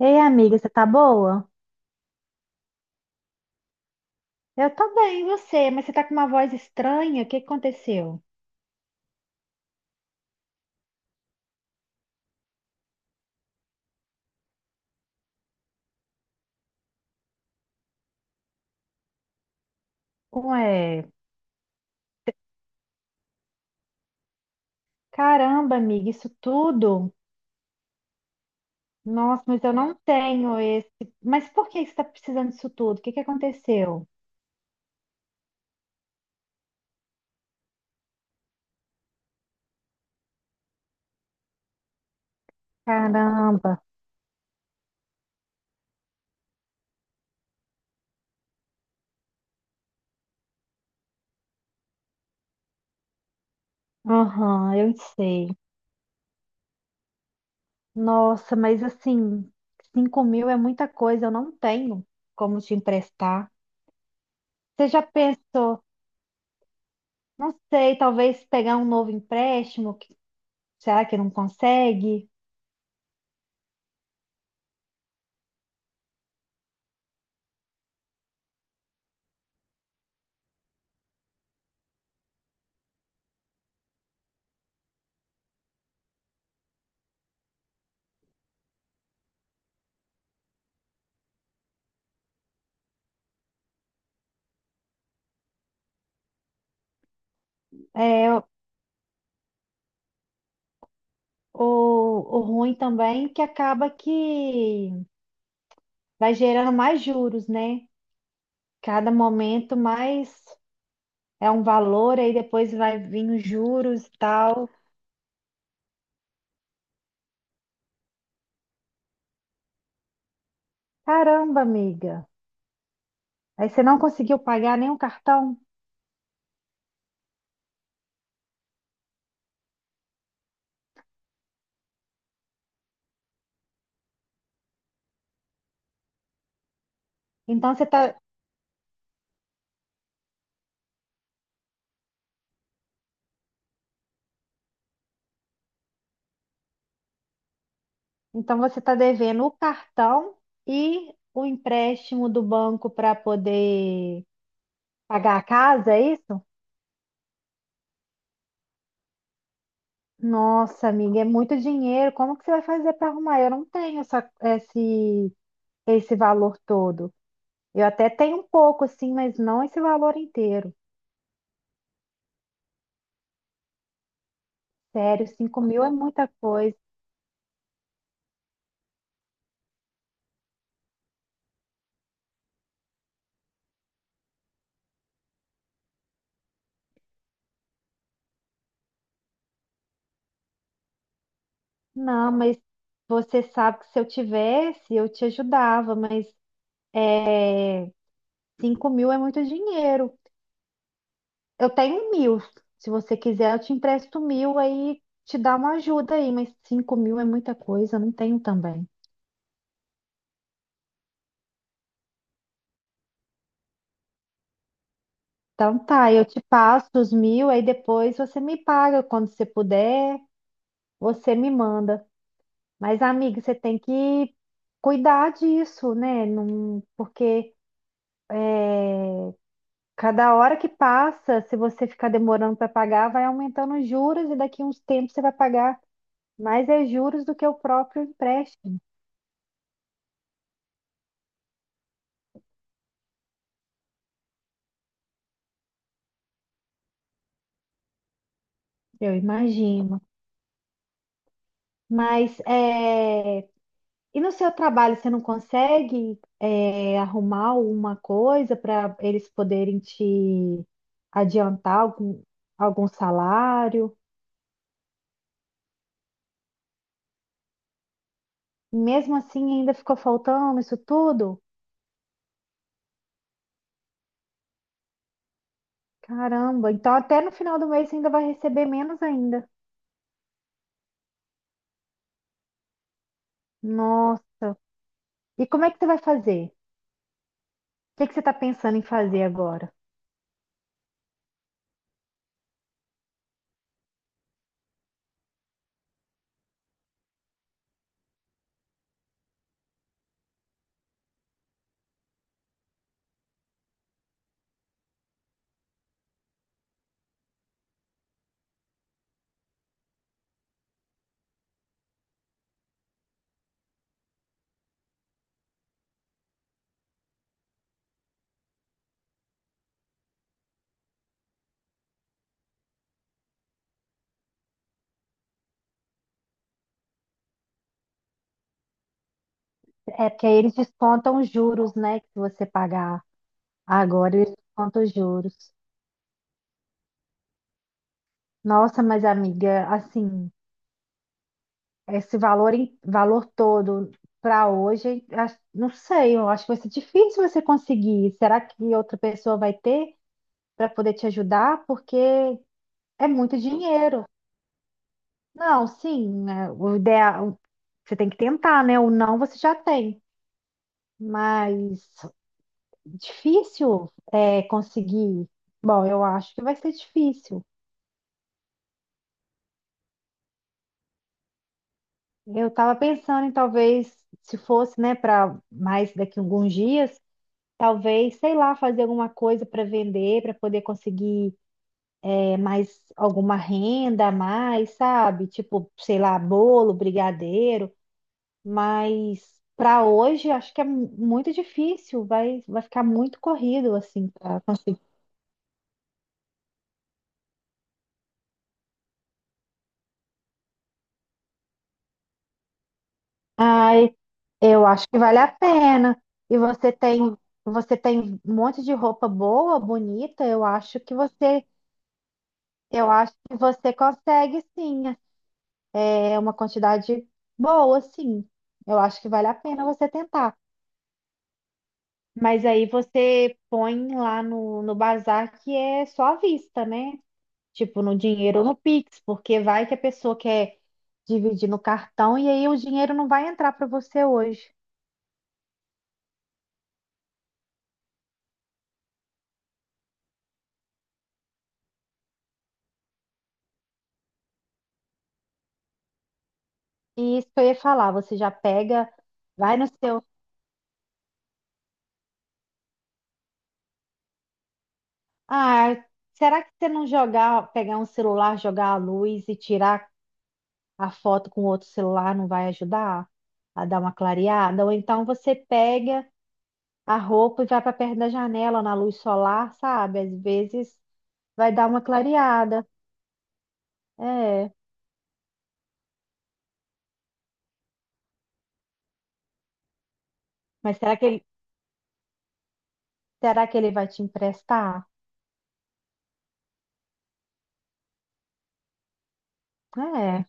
Ei, amiga, você tá boa? Eu tô bem, e você? Mas você tá com uma voz estranha? O que que aconteceu? Ué, caramba, amiga, isso tudo? Nossa, mas eu não tenho esse. Mas por que você tá precisando disso tudo? O que que aconteceu? Caramba, aham, eu sei. Nossa, mas assim, 5.000 é muita coisa, eu não tenho como te emprestar. Você já pensou? Não sei, talvez pegar um novo empréstimo? Será que não consegue? É, ou ruim também, que acaba que vai gerando mais juros, né? Cada momento mais é um valor, aí depois vai vir os juros e tal. Caramba, amiga. Aí você não conseguiu pagar nem o cartão? Então você tá, então você tá devendo o cartão e o empréstimo do banco para poder pagar a casa, é isso? Nossa, amiga, é muito dinheiro. Como que você vai fazer para arrumar? Eu não tenho essa, esse valor todo. Eu até tenho um pouco, assim, mas não esse valor inteiro. Sério, 5.000 é muita coisa. Não, mas você sabe que se eu tivesse, eu te ajudava, mas 5.000 é muito dinheiro. Eu tenho 1.000. Se você quiser, eu te empresto 1.000, aí te dá uma ajuda aí, mas 5.000 é muita coisa, eu não tenho também. Então tá, eu te passo os 1.000, aí depois você me paga quando você puder, você me manda. Mas, amiga, você tem que cuidar disso, né? Não, porque cada hora que passa, se você ficar demorando para pagar, vai aumentando os juros e daqui a uns tempos você vai pagar mais é juros do que o próprio empréstimo, eu imagino. Mas, e no seu trabalho, você não consegue, é, arrumar uma coisa para eles poderem te adiantar algum, algum salário? Mesmo assim, ainda ficou faltando isso tudo? Caramba, então até no final do mês você ainda vai receber menos ainda. Nossa, e como é que você vai fazer? O que que você está pensando em fazer agora? É porque aí eles descontam os juros, né? Que você pagar agora, eles descontam os juros. Nossa, mas amiga, assim, esse valor, valor todo para hoje, não sei, eu acho que vai ser difícil você conseguir. Será que outra pessoa vai ter para poder te ajudar? Porque é muito dinheiro. Não, sim, né, o ideal, você tem que tentar, né? O não você já tem, mas difícil é conseguir. Bom, eu acho que vai ser difícil. Eu estava pensando em talvez, se fosse, né, para mais daqui a alguns dias, talvez, sei lá, fazer alguma coisa para vender, para poder conseguir é, mais alguma renda a mais, sabe? Tipo, sei lá, bolo, brigadeiro. Mas para hoje, acho que é muito difícil, vai ficar muito corrido assim para conseguir. Ai, eu acho que vale a pena. E você tem um monte de roupa boa, bonita, eu acho que você, eu acho que você consegue sim. É uma quantidade boa, sim. Eu acho que vale a pena você tentar. Mas aí você põe lá no, no bazar que é só à vista, né? Tipo, no dinheiro ou no Pix, porque vai que a pessoa quer dividir no cartão e aí o dinheiro não vai entrar para você hoje. E isso que eu ia falar, você já pega, vai no seu. Ah, será que você não jogar, pegar um celular, jogar a luz e tirar a foto com outro celular não vai ajudar a dar uma clareada? Ou então você pega a roupa e vai para perto da janela na luz solar, sabe? Às vezes vai dar uma clareada. É. Mas será que ele vai te emprestar? É.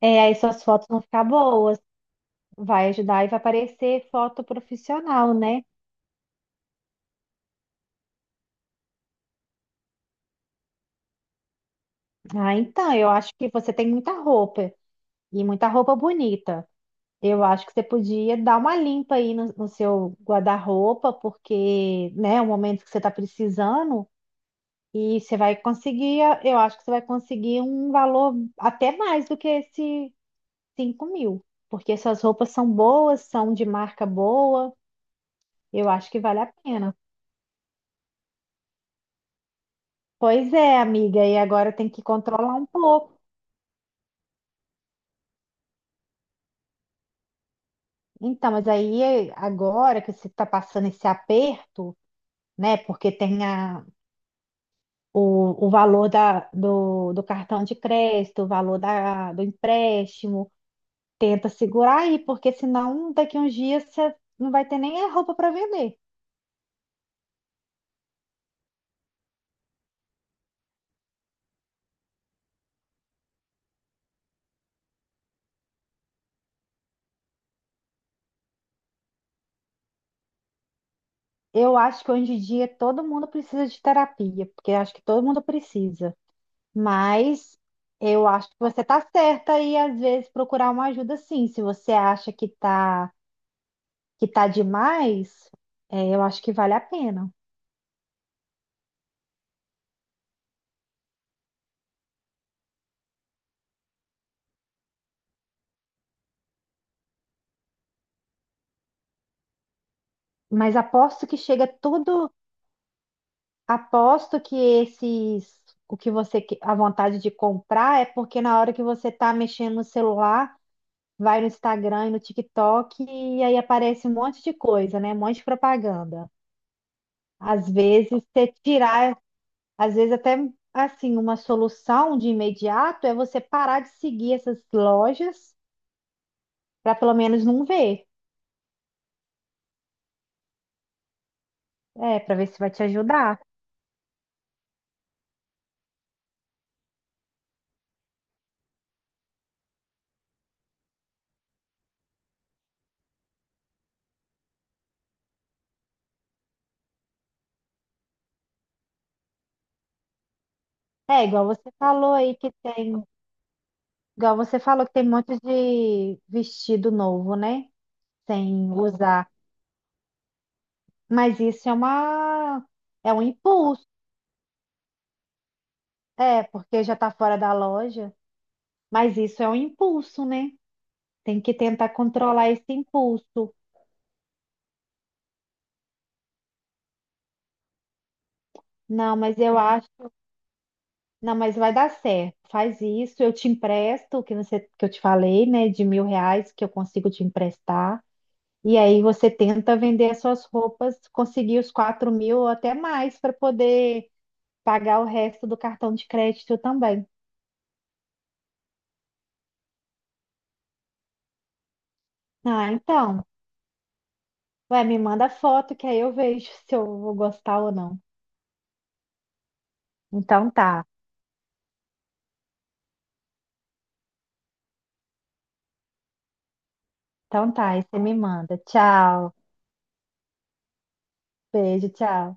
É, aí suas fotos vão ficar boas. Vai ajudar e vai aparecer foto profissional, né? Ah, então, eu acho que você tem muita roupa e muita roupa bonita. Eu acho que você podia dar uma limpa aí no, no seu guarda-roupa, porque, né, é o momento que você está precisando e você vai conseguir, eu acho que você vai conseguir um valor até mais do que esse 5.000, porque essas roupas são boas, são de marca boa, eu acho que vale a pena. Pois é, amiga, e agora tem que controlar um pouco. Então, mas aí agora que você está passando esse aperto, né? Porque tem a, o valor da, do, do cartão de crédito, o valor da, do empréstimo, tenta segurar aí, porque senão daqui uns dias você não vai ter nem a roupa para vender. Eu acho que hoje em dia todo mundo precisa de terapia, porque acho que todo mundo precisa. Mas eu acho que você tá certa e às vezes procurar uma ajuda sim. Se você acha que tá demais, é, eu acho que vale a pena. Mas aposto que chega tudo, aposto que esses o que você que- a vontade de comprar é porque na hora que você tá mexendo no celular, vai no Instagram e no TikTok e aí aparece um monte de coisa, né? Um monte de propaganda. Às vezes, você tirar Às vezes até assim, uma solução de imediato é você parar de seguir essas lojas para pelo menos não ver. É, para ver se vai te ajudar. É, igual você falou aí que tem, igual você falou que tem um monte de vestido novo, né? Sem usar. Mas isso é uma é um impulso. É, porque já tá fora da loja, mas isso é um impulso, né? Tem que tentar controlar esse impulso. Não, mas eu acho Não, mas vai dar certo. Faz isso, eu te empresto o que você, que eu te falei, né, de 1.000 reais que eu consigo te emprestar. E aí você tenta vender as suas roupas, conseguir os 4.000 ou até mais para poder pagar o resto do cartão de crédito também. Ah, então, vai, me manda foto que aí eu vejo se eu vou gostar ou não. Então tá, então tá, aí você me manda. Tchau, beijo, tchau.